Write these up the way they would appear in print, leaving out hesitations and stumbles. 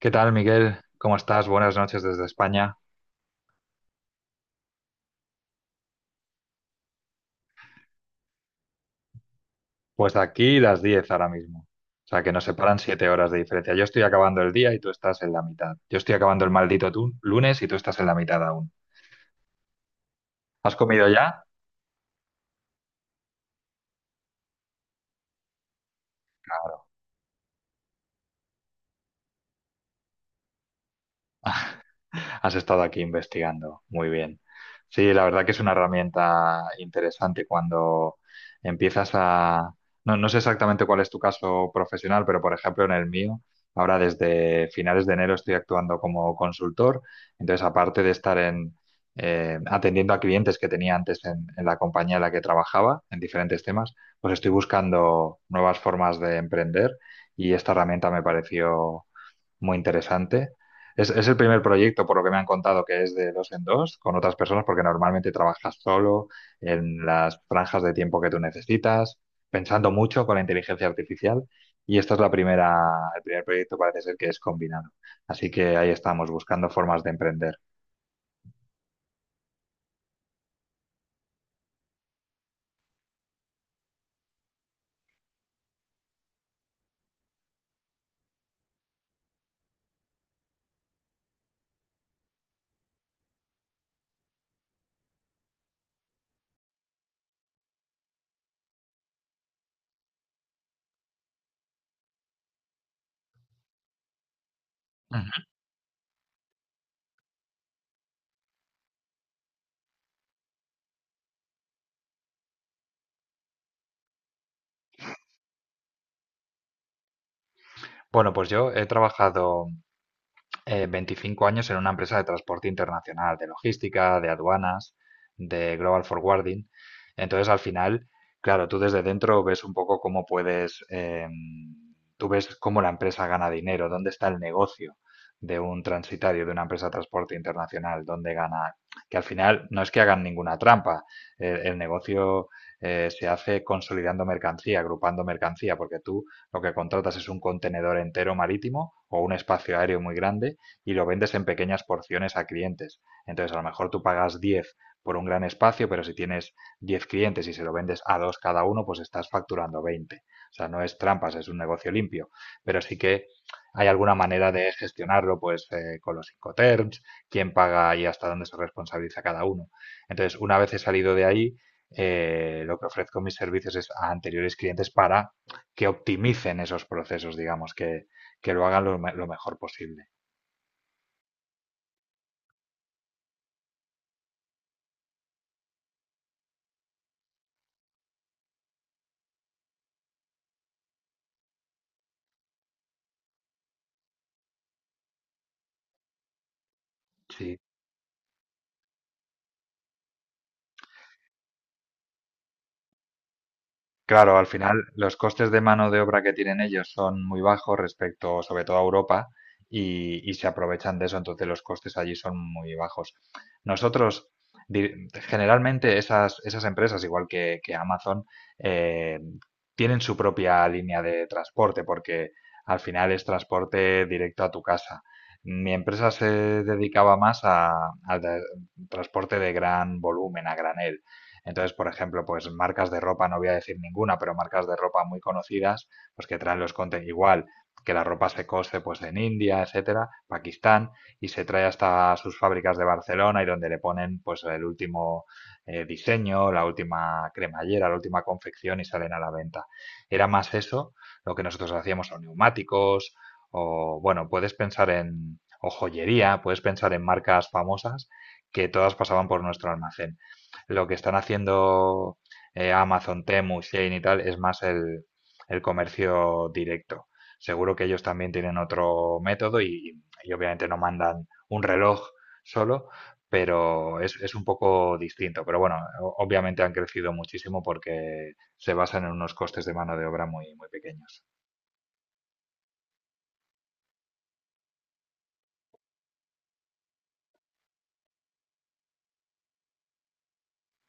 ¿Qué tal, Miguel? ¿Cómo estás? Buenas noches desde España. Pues aquí las 10 ahora mismo. O sea, que nos separan 7 horas de diferencia. Yo estoy acabando el día y tú estás en la mitad. Yo estoy acabando el maldito lunes y tú estás en la mitad aún. ¿Has comido ya? Claro. Has estado aquí investigando. Muy bien. Sí, la verdad que es una herramienta interesante cuando empiezas a... No, no sé exactamente cuál es tu caso profesional, pero por ejemplo en el mío, ahora desde finales de enero estoy actuando como consultor. Entonces, aparte de estar atendiendo a clientes que tenía antes en la compañía en la que trabajaba, en diferentes temas, pues estoy buscando nuevas formas de emprender y esta herramienta me pareció muy interesante. Es el primer proyecto, por lo que me han contado, que es de dos en dos, con otras personas, porque normalmente trabajas solo en las franjas de tiempo que tú necesitas, pensando mucho con la inteligencia artificial. Y esta es la primera, el primer proyecto parece ser que es combinado. Así que ahí estamos, buscando formas de emprender. Ujú. Bueno, pues yo he trabajado 25 años en una empresa de transporte internacional, de logística, de aduanas, de global forwarding. Entonces, al final, claro, tú desde dentro ves un poco cómo tú ves cómo la empresa gana dinero, dónde está el negocio de un transitario, de una empresa de transporte internacional, dónde gana, que al final no es que hagan ninguna trampa, el negocio se hace consolidando mercancía, agrupando mercancía, porque tú lo que contratas es un contenedor entero marítimo o un espacio aéreo muy grande y lo vendes en pequeñas porciones a clientes. Entonces, a lo mejor tú pagas 10 por un gran espacio, pero si tienes 10 clientes y se lo vendes a dos cada uno, pues estás facturando 20. O sea, no es trampas, es un negocio limpio, pero sí que hay alguna manera de gestionarlo, pues con los incoterms, quién paga y hasta dónde se responsabiliza cada uno. Entonces, una vez he salido de ahí, lo que ofrezco mis servicios es a anteriores clientes para que optimicen esos procesos, digamos, que lo hagan lo mejor posible. Sí. Claro, al final los costes de mano de obra que tienen ellos son muy bajos respecto, sobre todo a Europa, y se aprovechan de eso, entonces los costes allí son muy bajos. Nosotros, generalmente esas empresas, igual que Amazon, eh, tienen su propia línea de transporte, porque al final es transporte directo a tu casa. Mi empresa se dedicaba más a, al de- transporte de gran volumen, a granel, entonces, por ejemplo, pues marcas de ropa, no voy a decir ninguna, pero marcas de ropa muy conocidas, pues que traen los contenidos igual, que la ropa se cose pues en India, etcétera, Pakistán, y se trae hasta sus fábricas de Barcelona y donde le ponen pues el último diseño, la última cremallera, la última confección y salen a la venta. Era más eso lo que nosotros hacíamos, o neumáticos, o bueno, puedes pensar en, o joyería, puedes pensar en marcas famosas que todas pasaban por nuestro almacén. Lo que están haciendo Amazon, Temu, Shein y tal es más el comercio directo. Seguro que ellos también tienen otro método y obviamente no mandan un reloj solo, pero es un poco distinto. Pero bueno, obviamente han crecido muchísimo porque se basan en unos costes de mano de obra muy, muy pequeños.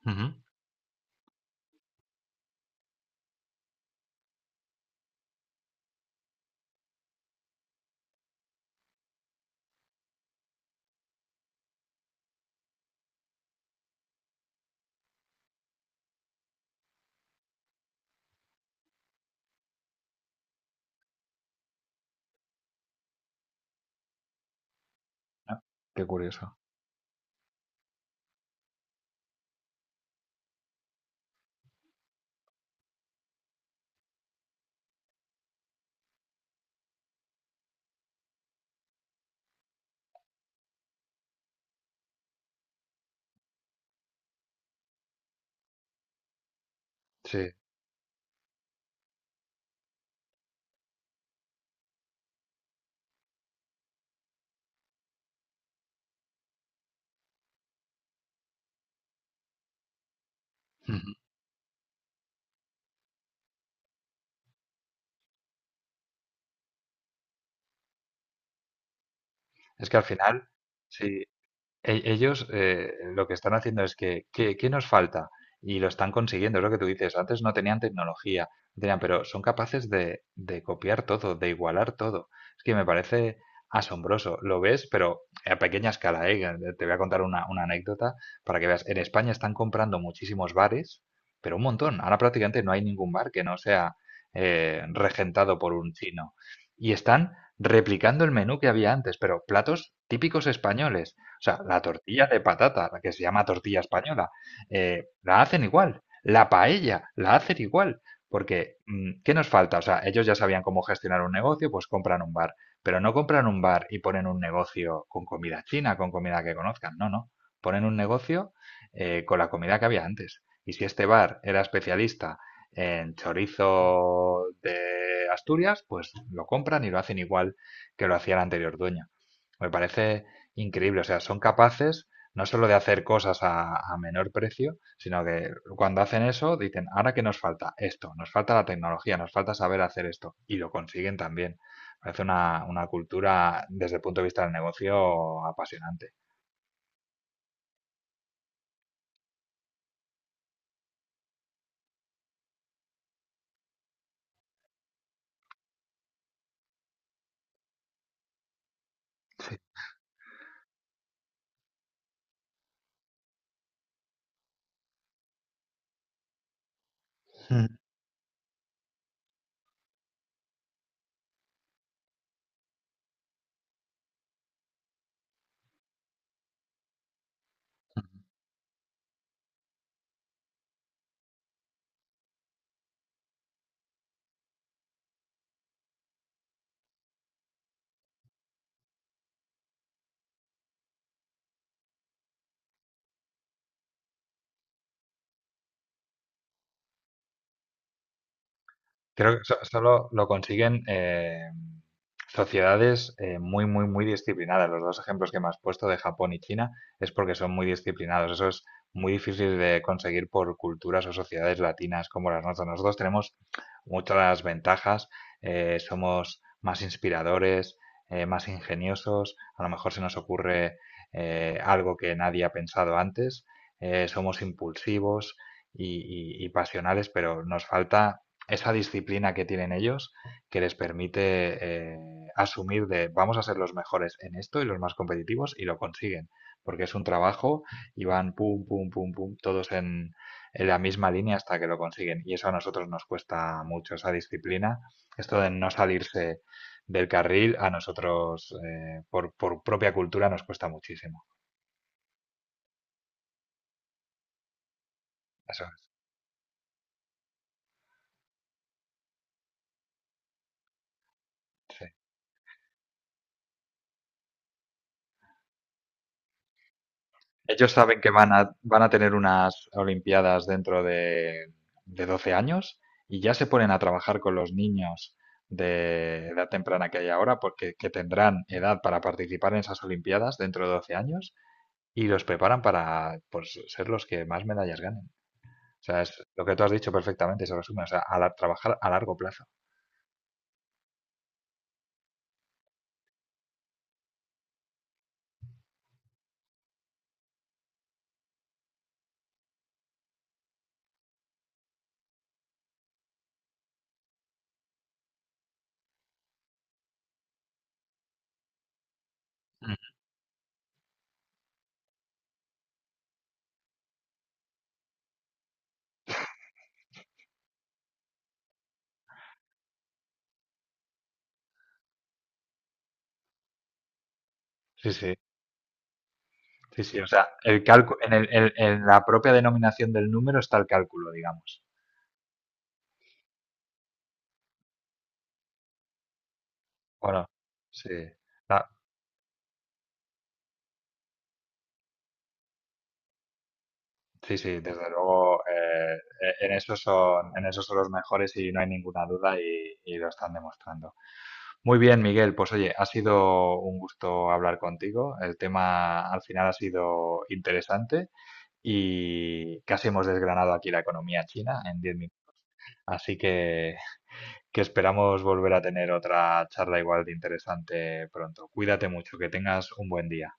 Ujú. Ah, qué curioso. Sí. Ujú. Es que al final, sí, ellos lo que están haciendo es que, ¿qué, qué nos falta? Y lo están consiguiendo, es lo que tú dices. Antes no tenían tecnología, no tenían, pero son capaces de copiar todo, de igualar todo. Es que me parece asombroso. Lo ves, pero a pequeña escala, ¿eh? Te voy a contar una anécdota para que veas. En España están comprando muchísimos bares, pero un montón. Ahora prácticamente no hay ningún bar que no sea regentado por un chino. Y están replicando el menú que había antes, pero platos típicos españoles. O sea, la tortilla de patata, la que se llama tortilla española, la hacen igual. La paella, la hacen igual. Porque, ¿qué nos falta? O sea, ellos ya sabían cómo gestionar un negocio, pues compran un bar. Pero no compran un bar y ponen un negocio con comida china, con comida que conozcan. No, no. Ponen un negocio con la comida que había antes. Y si este bar era especialista en chorizo de Asturias, pues lo compran y lo hacen igual que lo hacía el anterior dueño. Me parece increíble. O sea, son capaces no solo de hacer cosas a menor precio, sino que cuando hacen eso dicen, ahora que nos falta esto, nos falta la tecnología, nos falta saber hacer esto. Y lo consiguen también. Parece una cultura desde el punto de vista del negocio apasionante. Mm. Creo que solo lo consiguen sociedades muy, muy, muy disciplinadas. Los dos ejemplos que me has puesto de Japón y China es porque son muy disciplinados. Eso es muy difícil de conseguir por culturas o sociedades latinas como las nuestras. Nosotros tenemos muchas ventajas, somos más inspiradores, más ingeniosos, a lo mejor se nos ocurre algo que nadie ha pensado antes, somos impulsivos y pasionales, pero nos falta esa disciplina que tienen ellos que les permite asumir de vamos a ser los mejores en esto y los más competitivos y lo consiguen, porque es un trabajo y van pum, pum, pum, pum, todos en la misma línea hasta que lo consiguen. Y eso a nosotros nos cuesta mucho, esa disciplina, esto de no salirse del carril, a nosotros por propia cultura nos cuesta muchísimo. Eso es, sí. Ellos saben que van a tener unas Olimpiadas dentro de 12 años y ya se ponen a trabajar con los niños de edad temprana que hay ahora, porque que tendrán edad para participar en esas Olimpiadas dentro de 12 años y los preparan para pues, ser los que más medallas ganen. O sea, es lo que tú has dicho perfectamente, se resume, o sea, trabajar a largo plazo. Mm. Sí, sí, sí, sí, o sea, el cálculo, en la propia denominación del número está el cálculo, digamos. Bueno, sí. Sí, sí, desde luego, en eso son los mejores y no hay ninguna duda y lo están demostrando. Muy bien, Miguel, pues oye, ha sido un gusto hablar contigo. El tema al final ha sido interesante y casi hemos desgranado aquí la economía china en 10 minutos. Así que esperamos volver a tener otra charla igual de interesante pronto. Cuídate mucho, que tengas un buen día.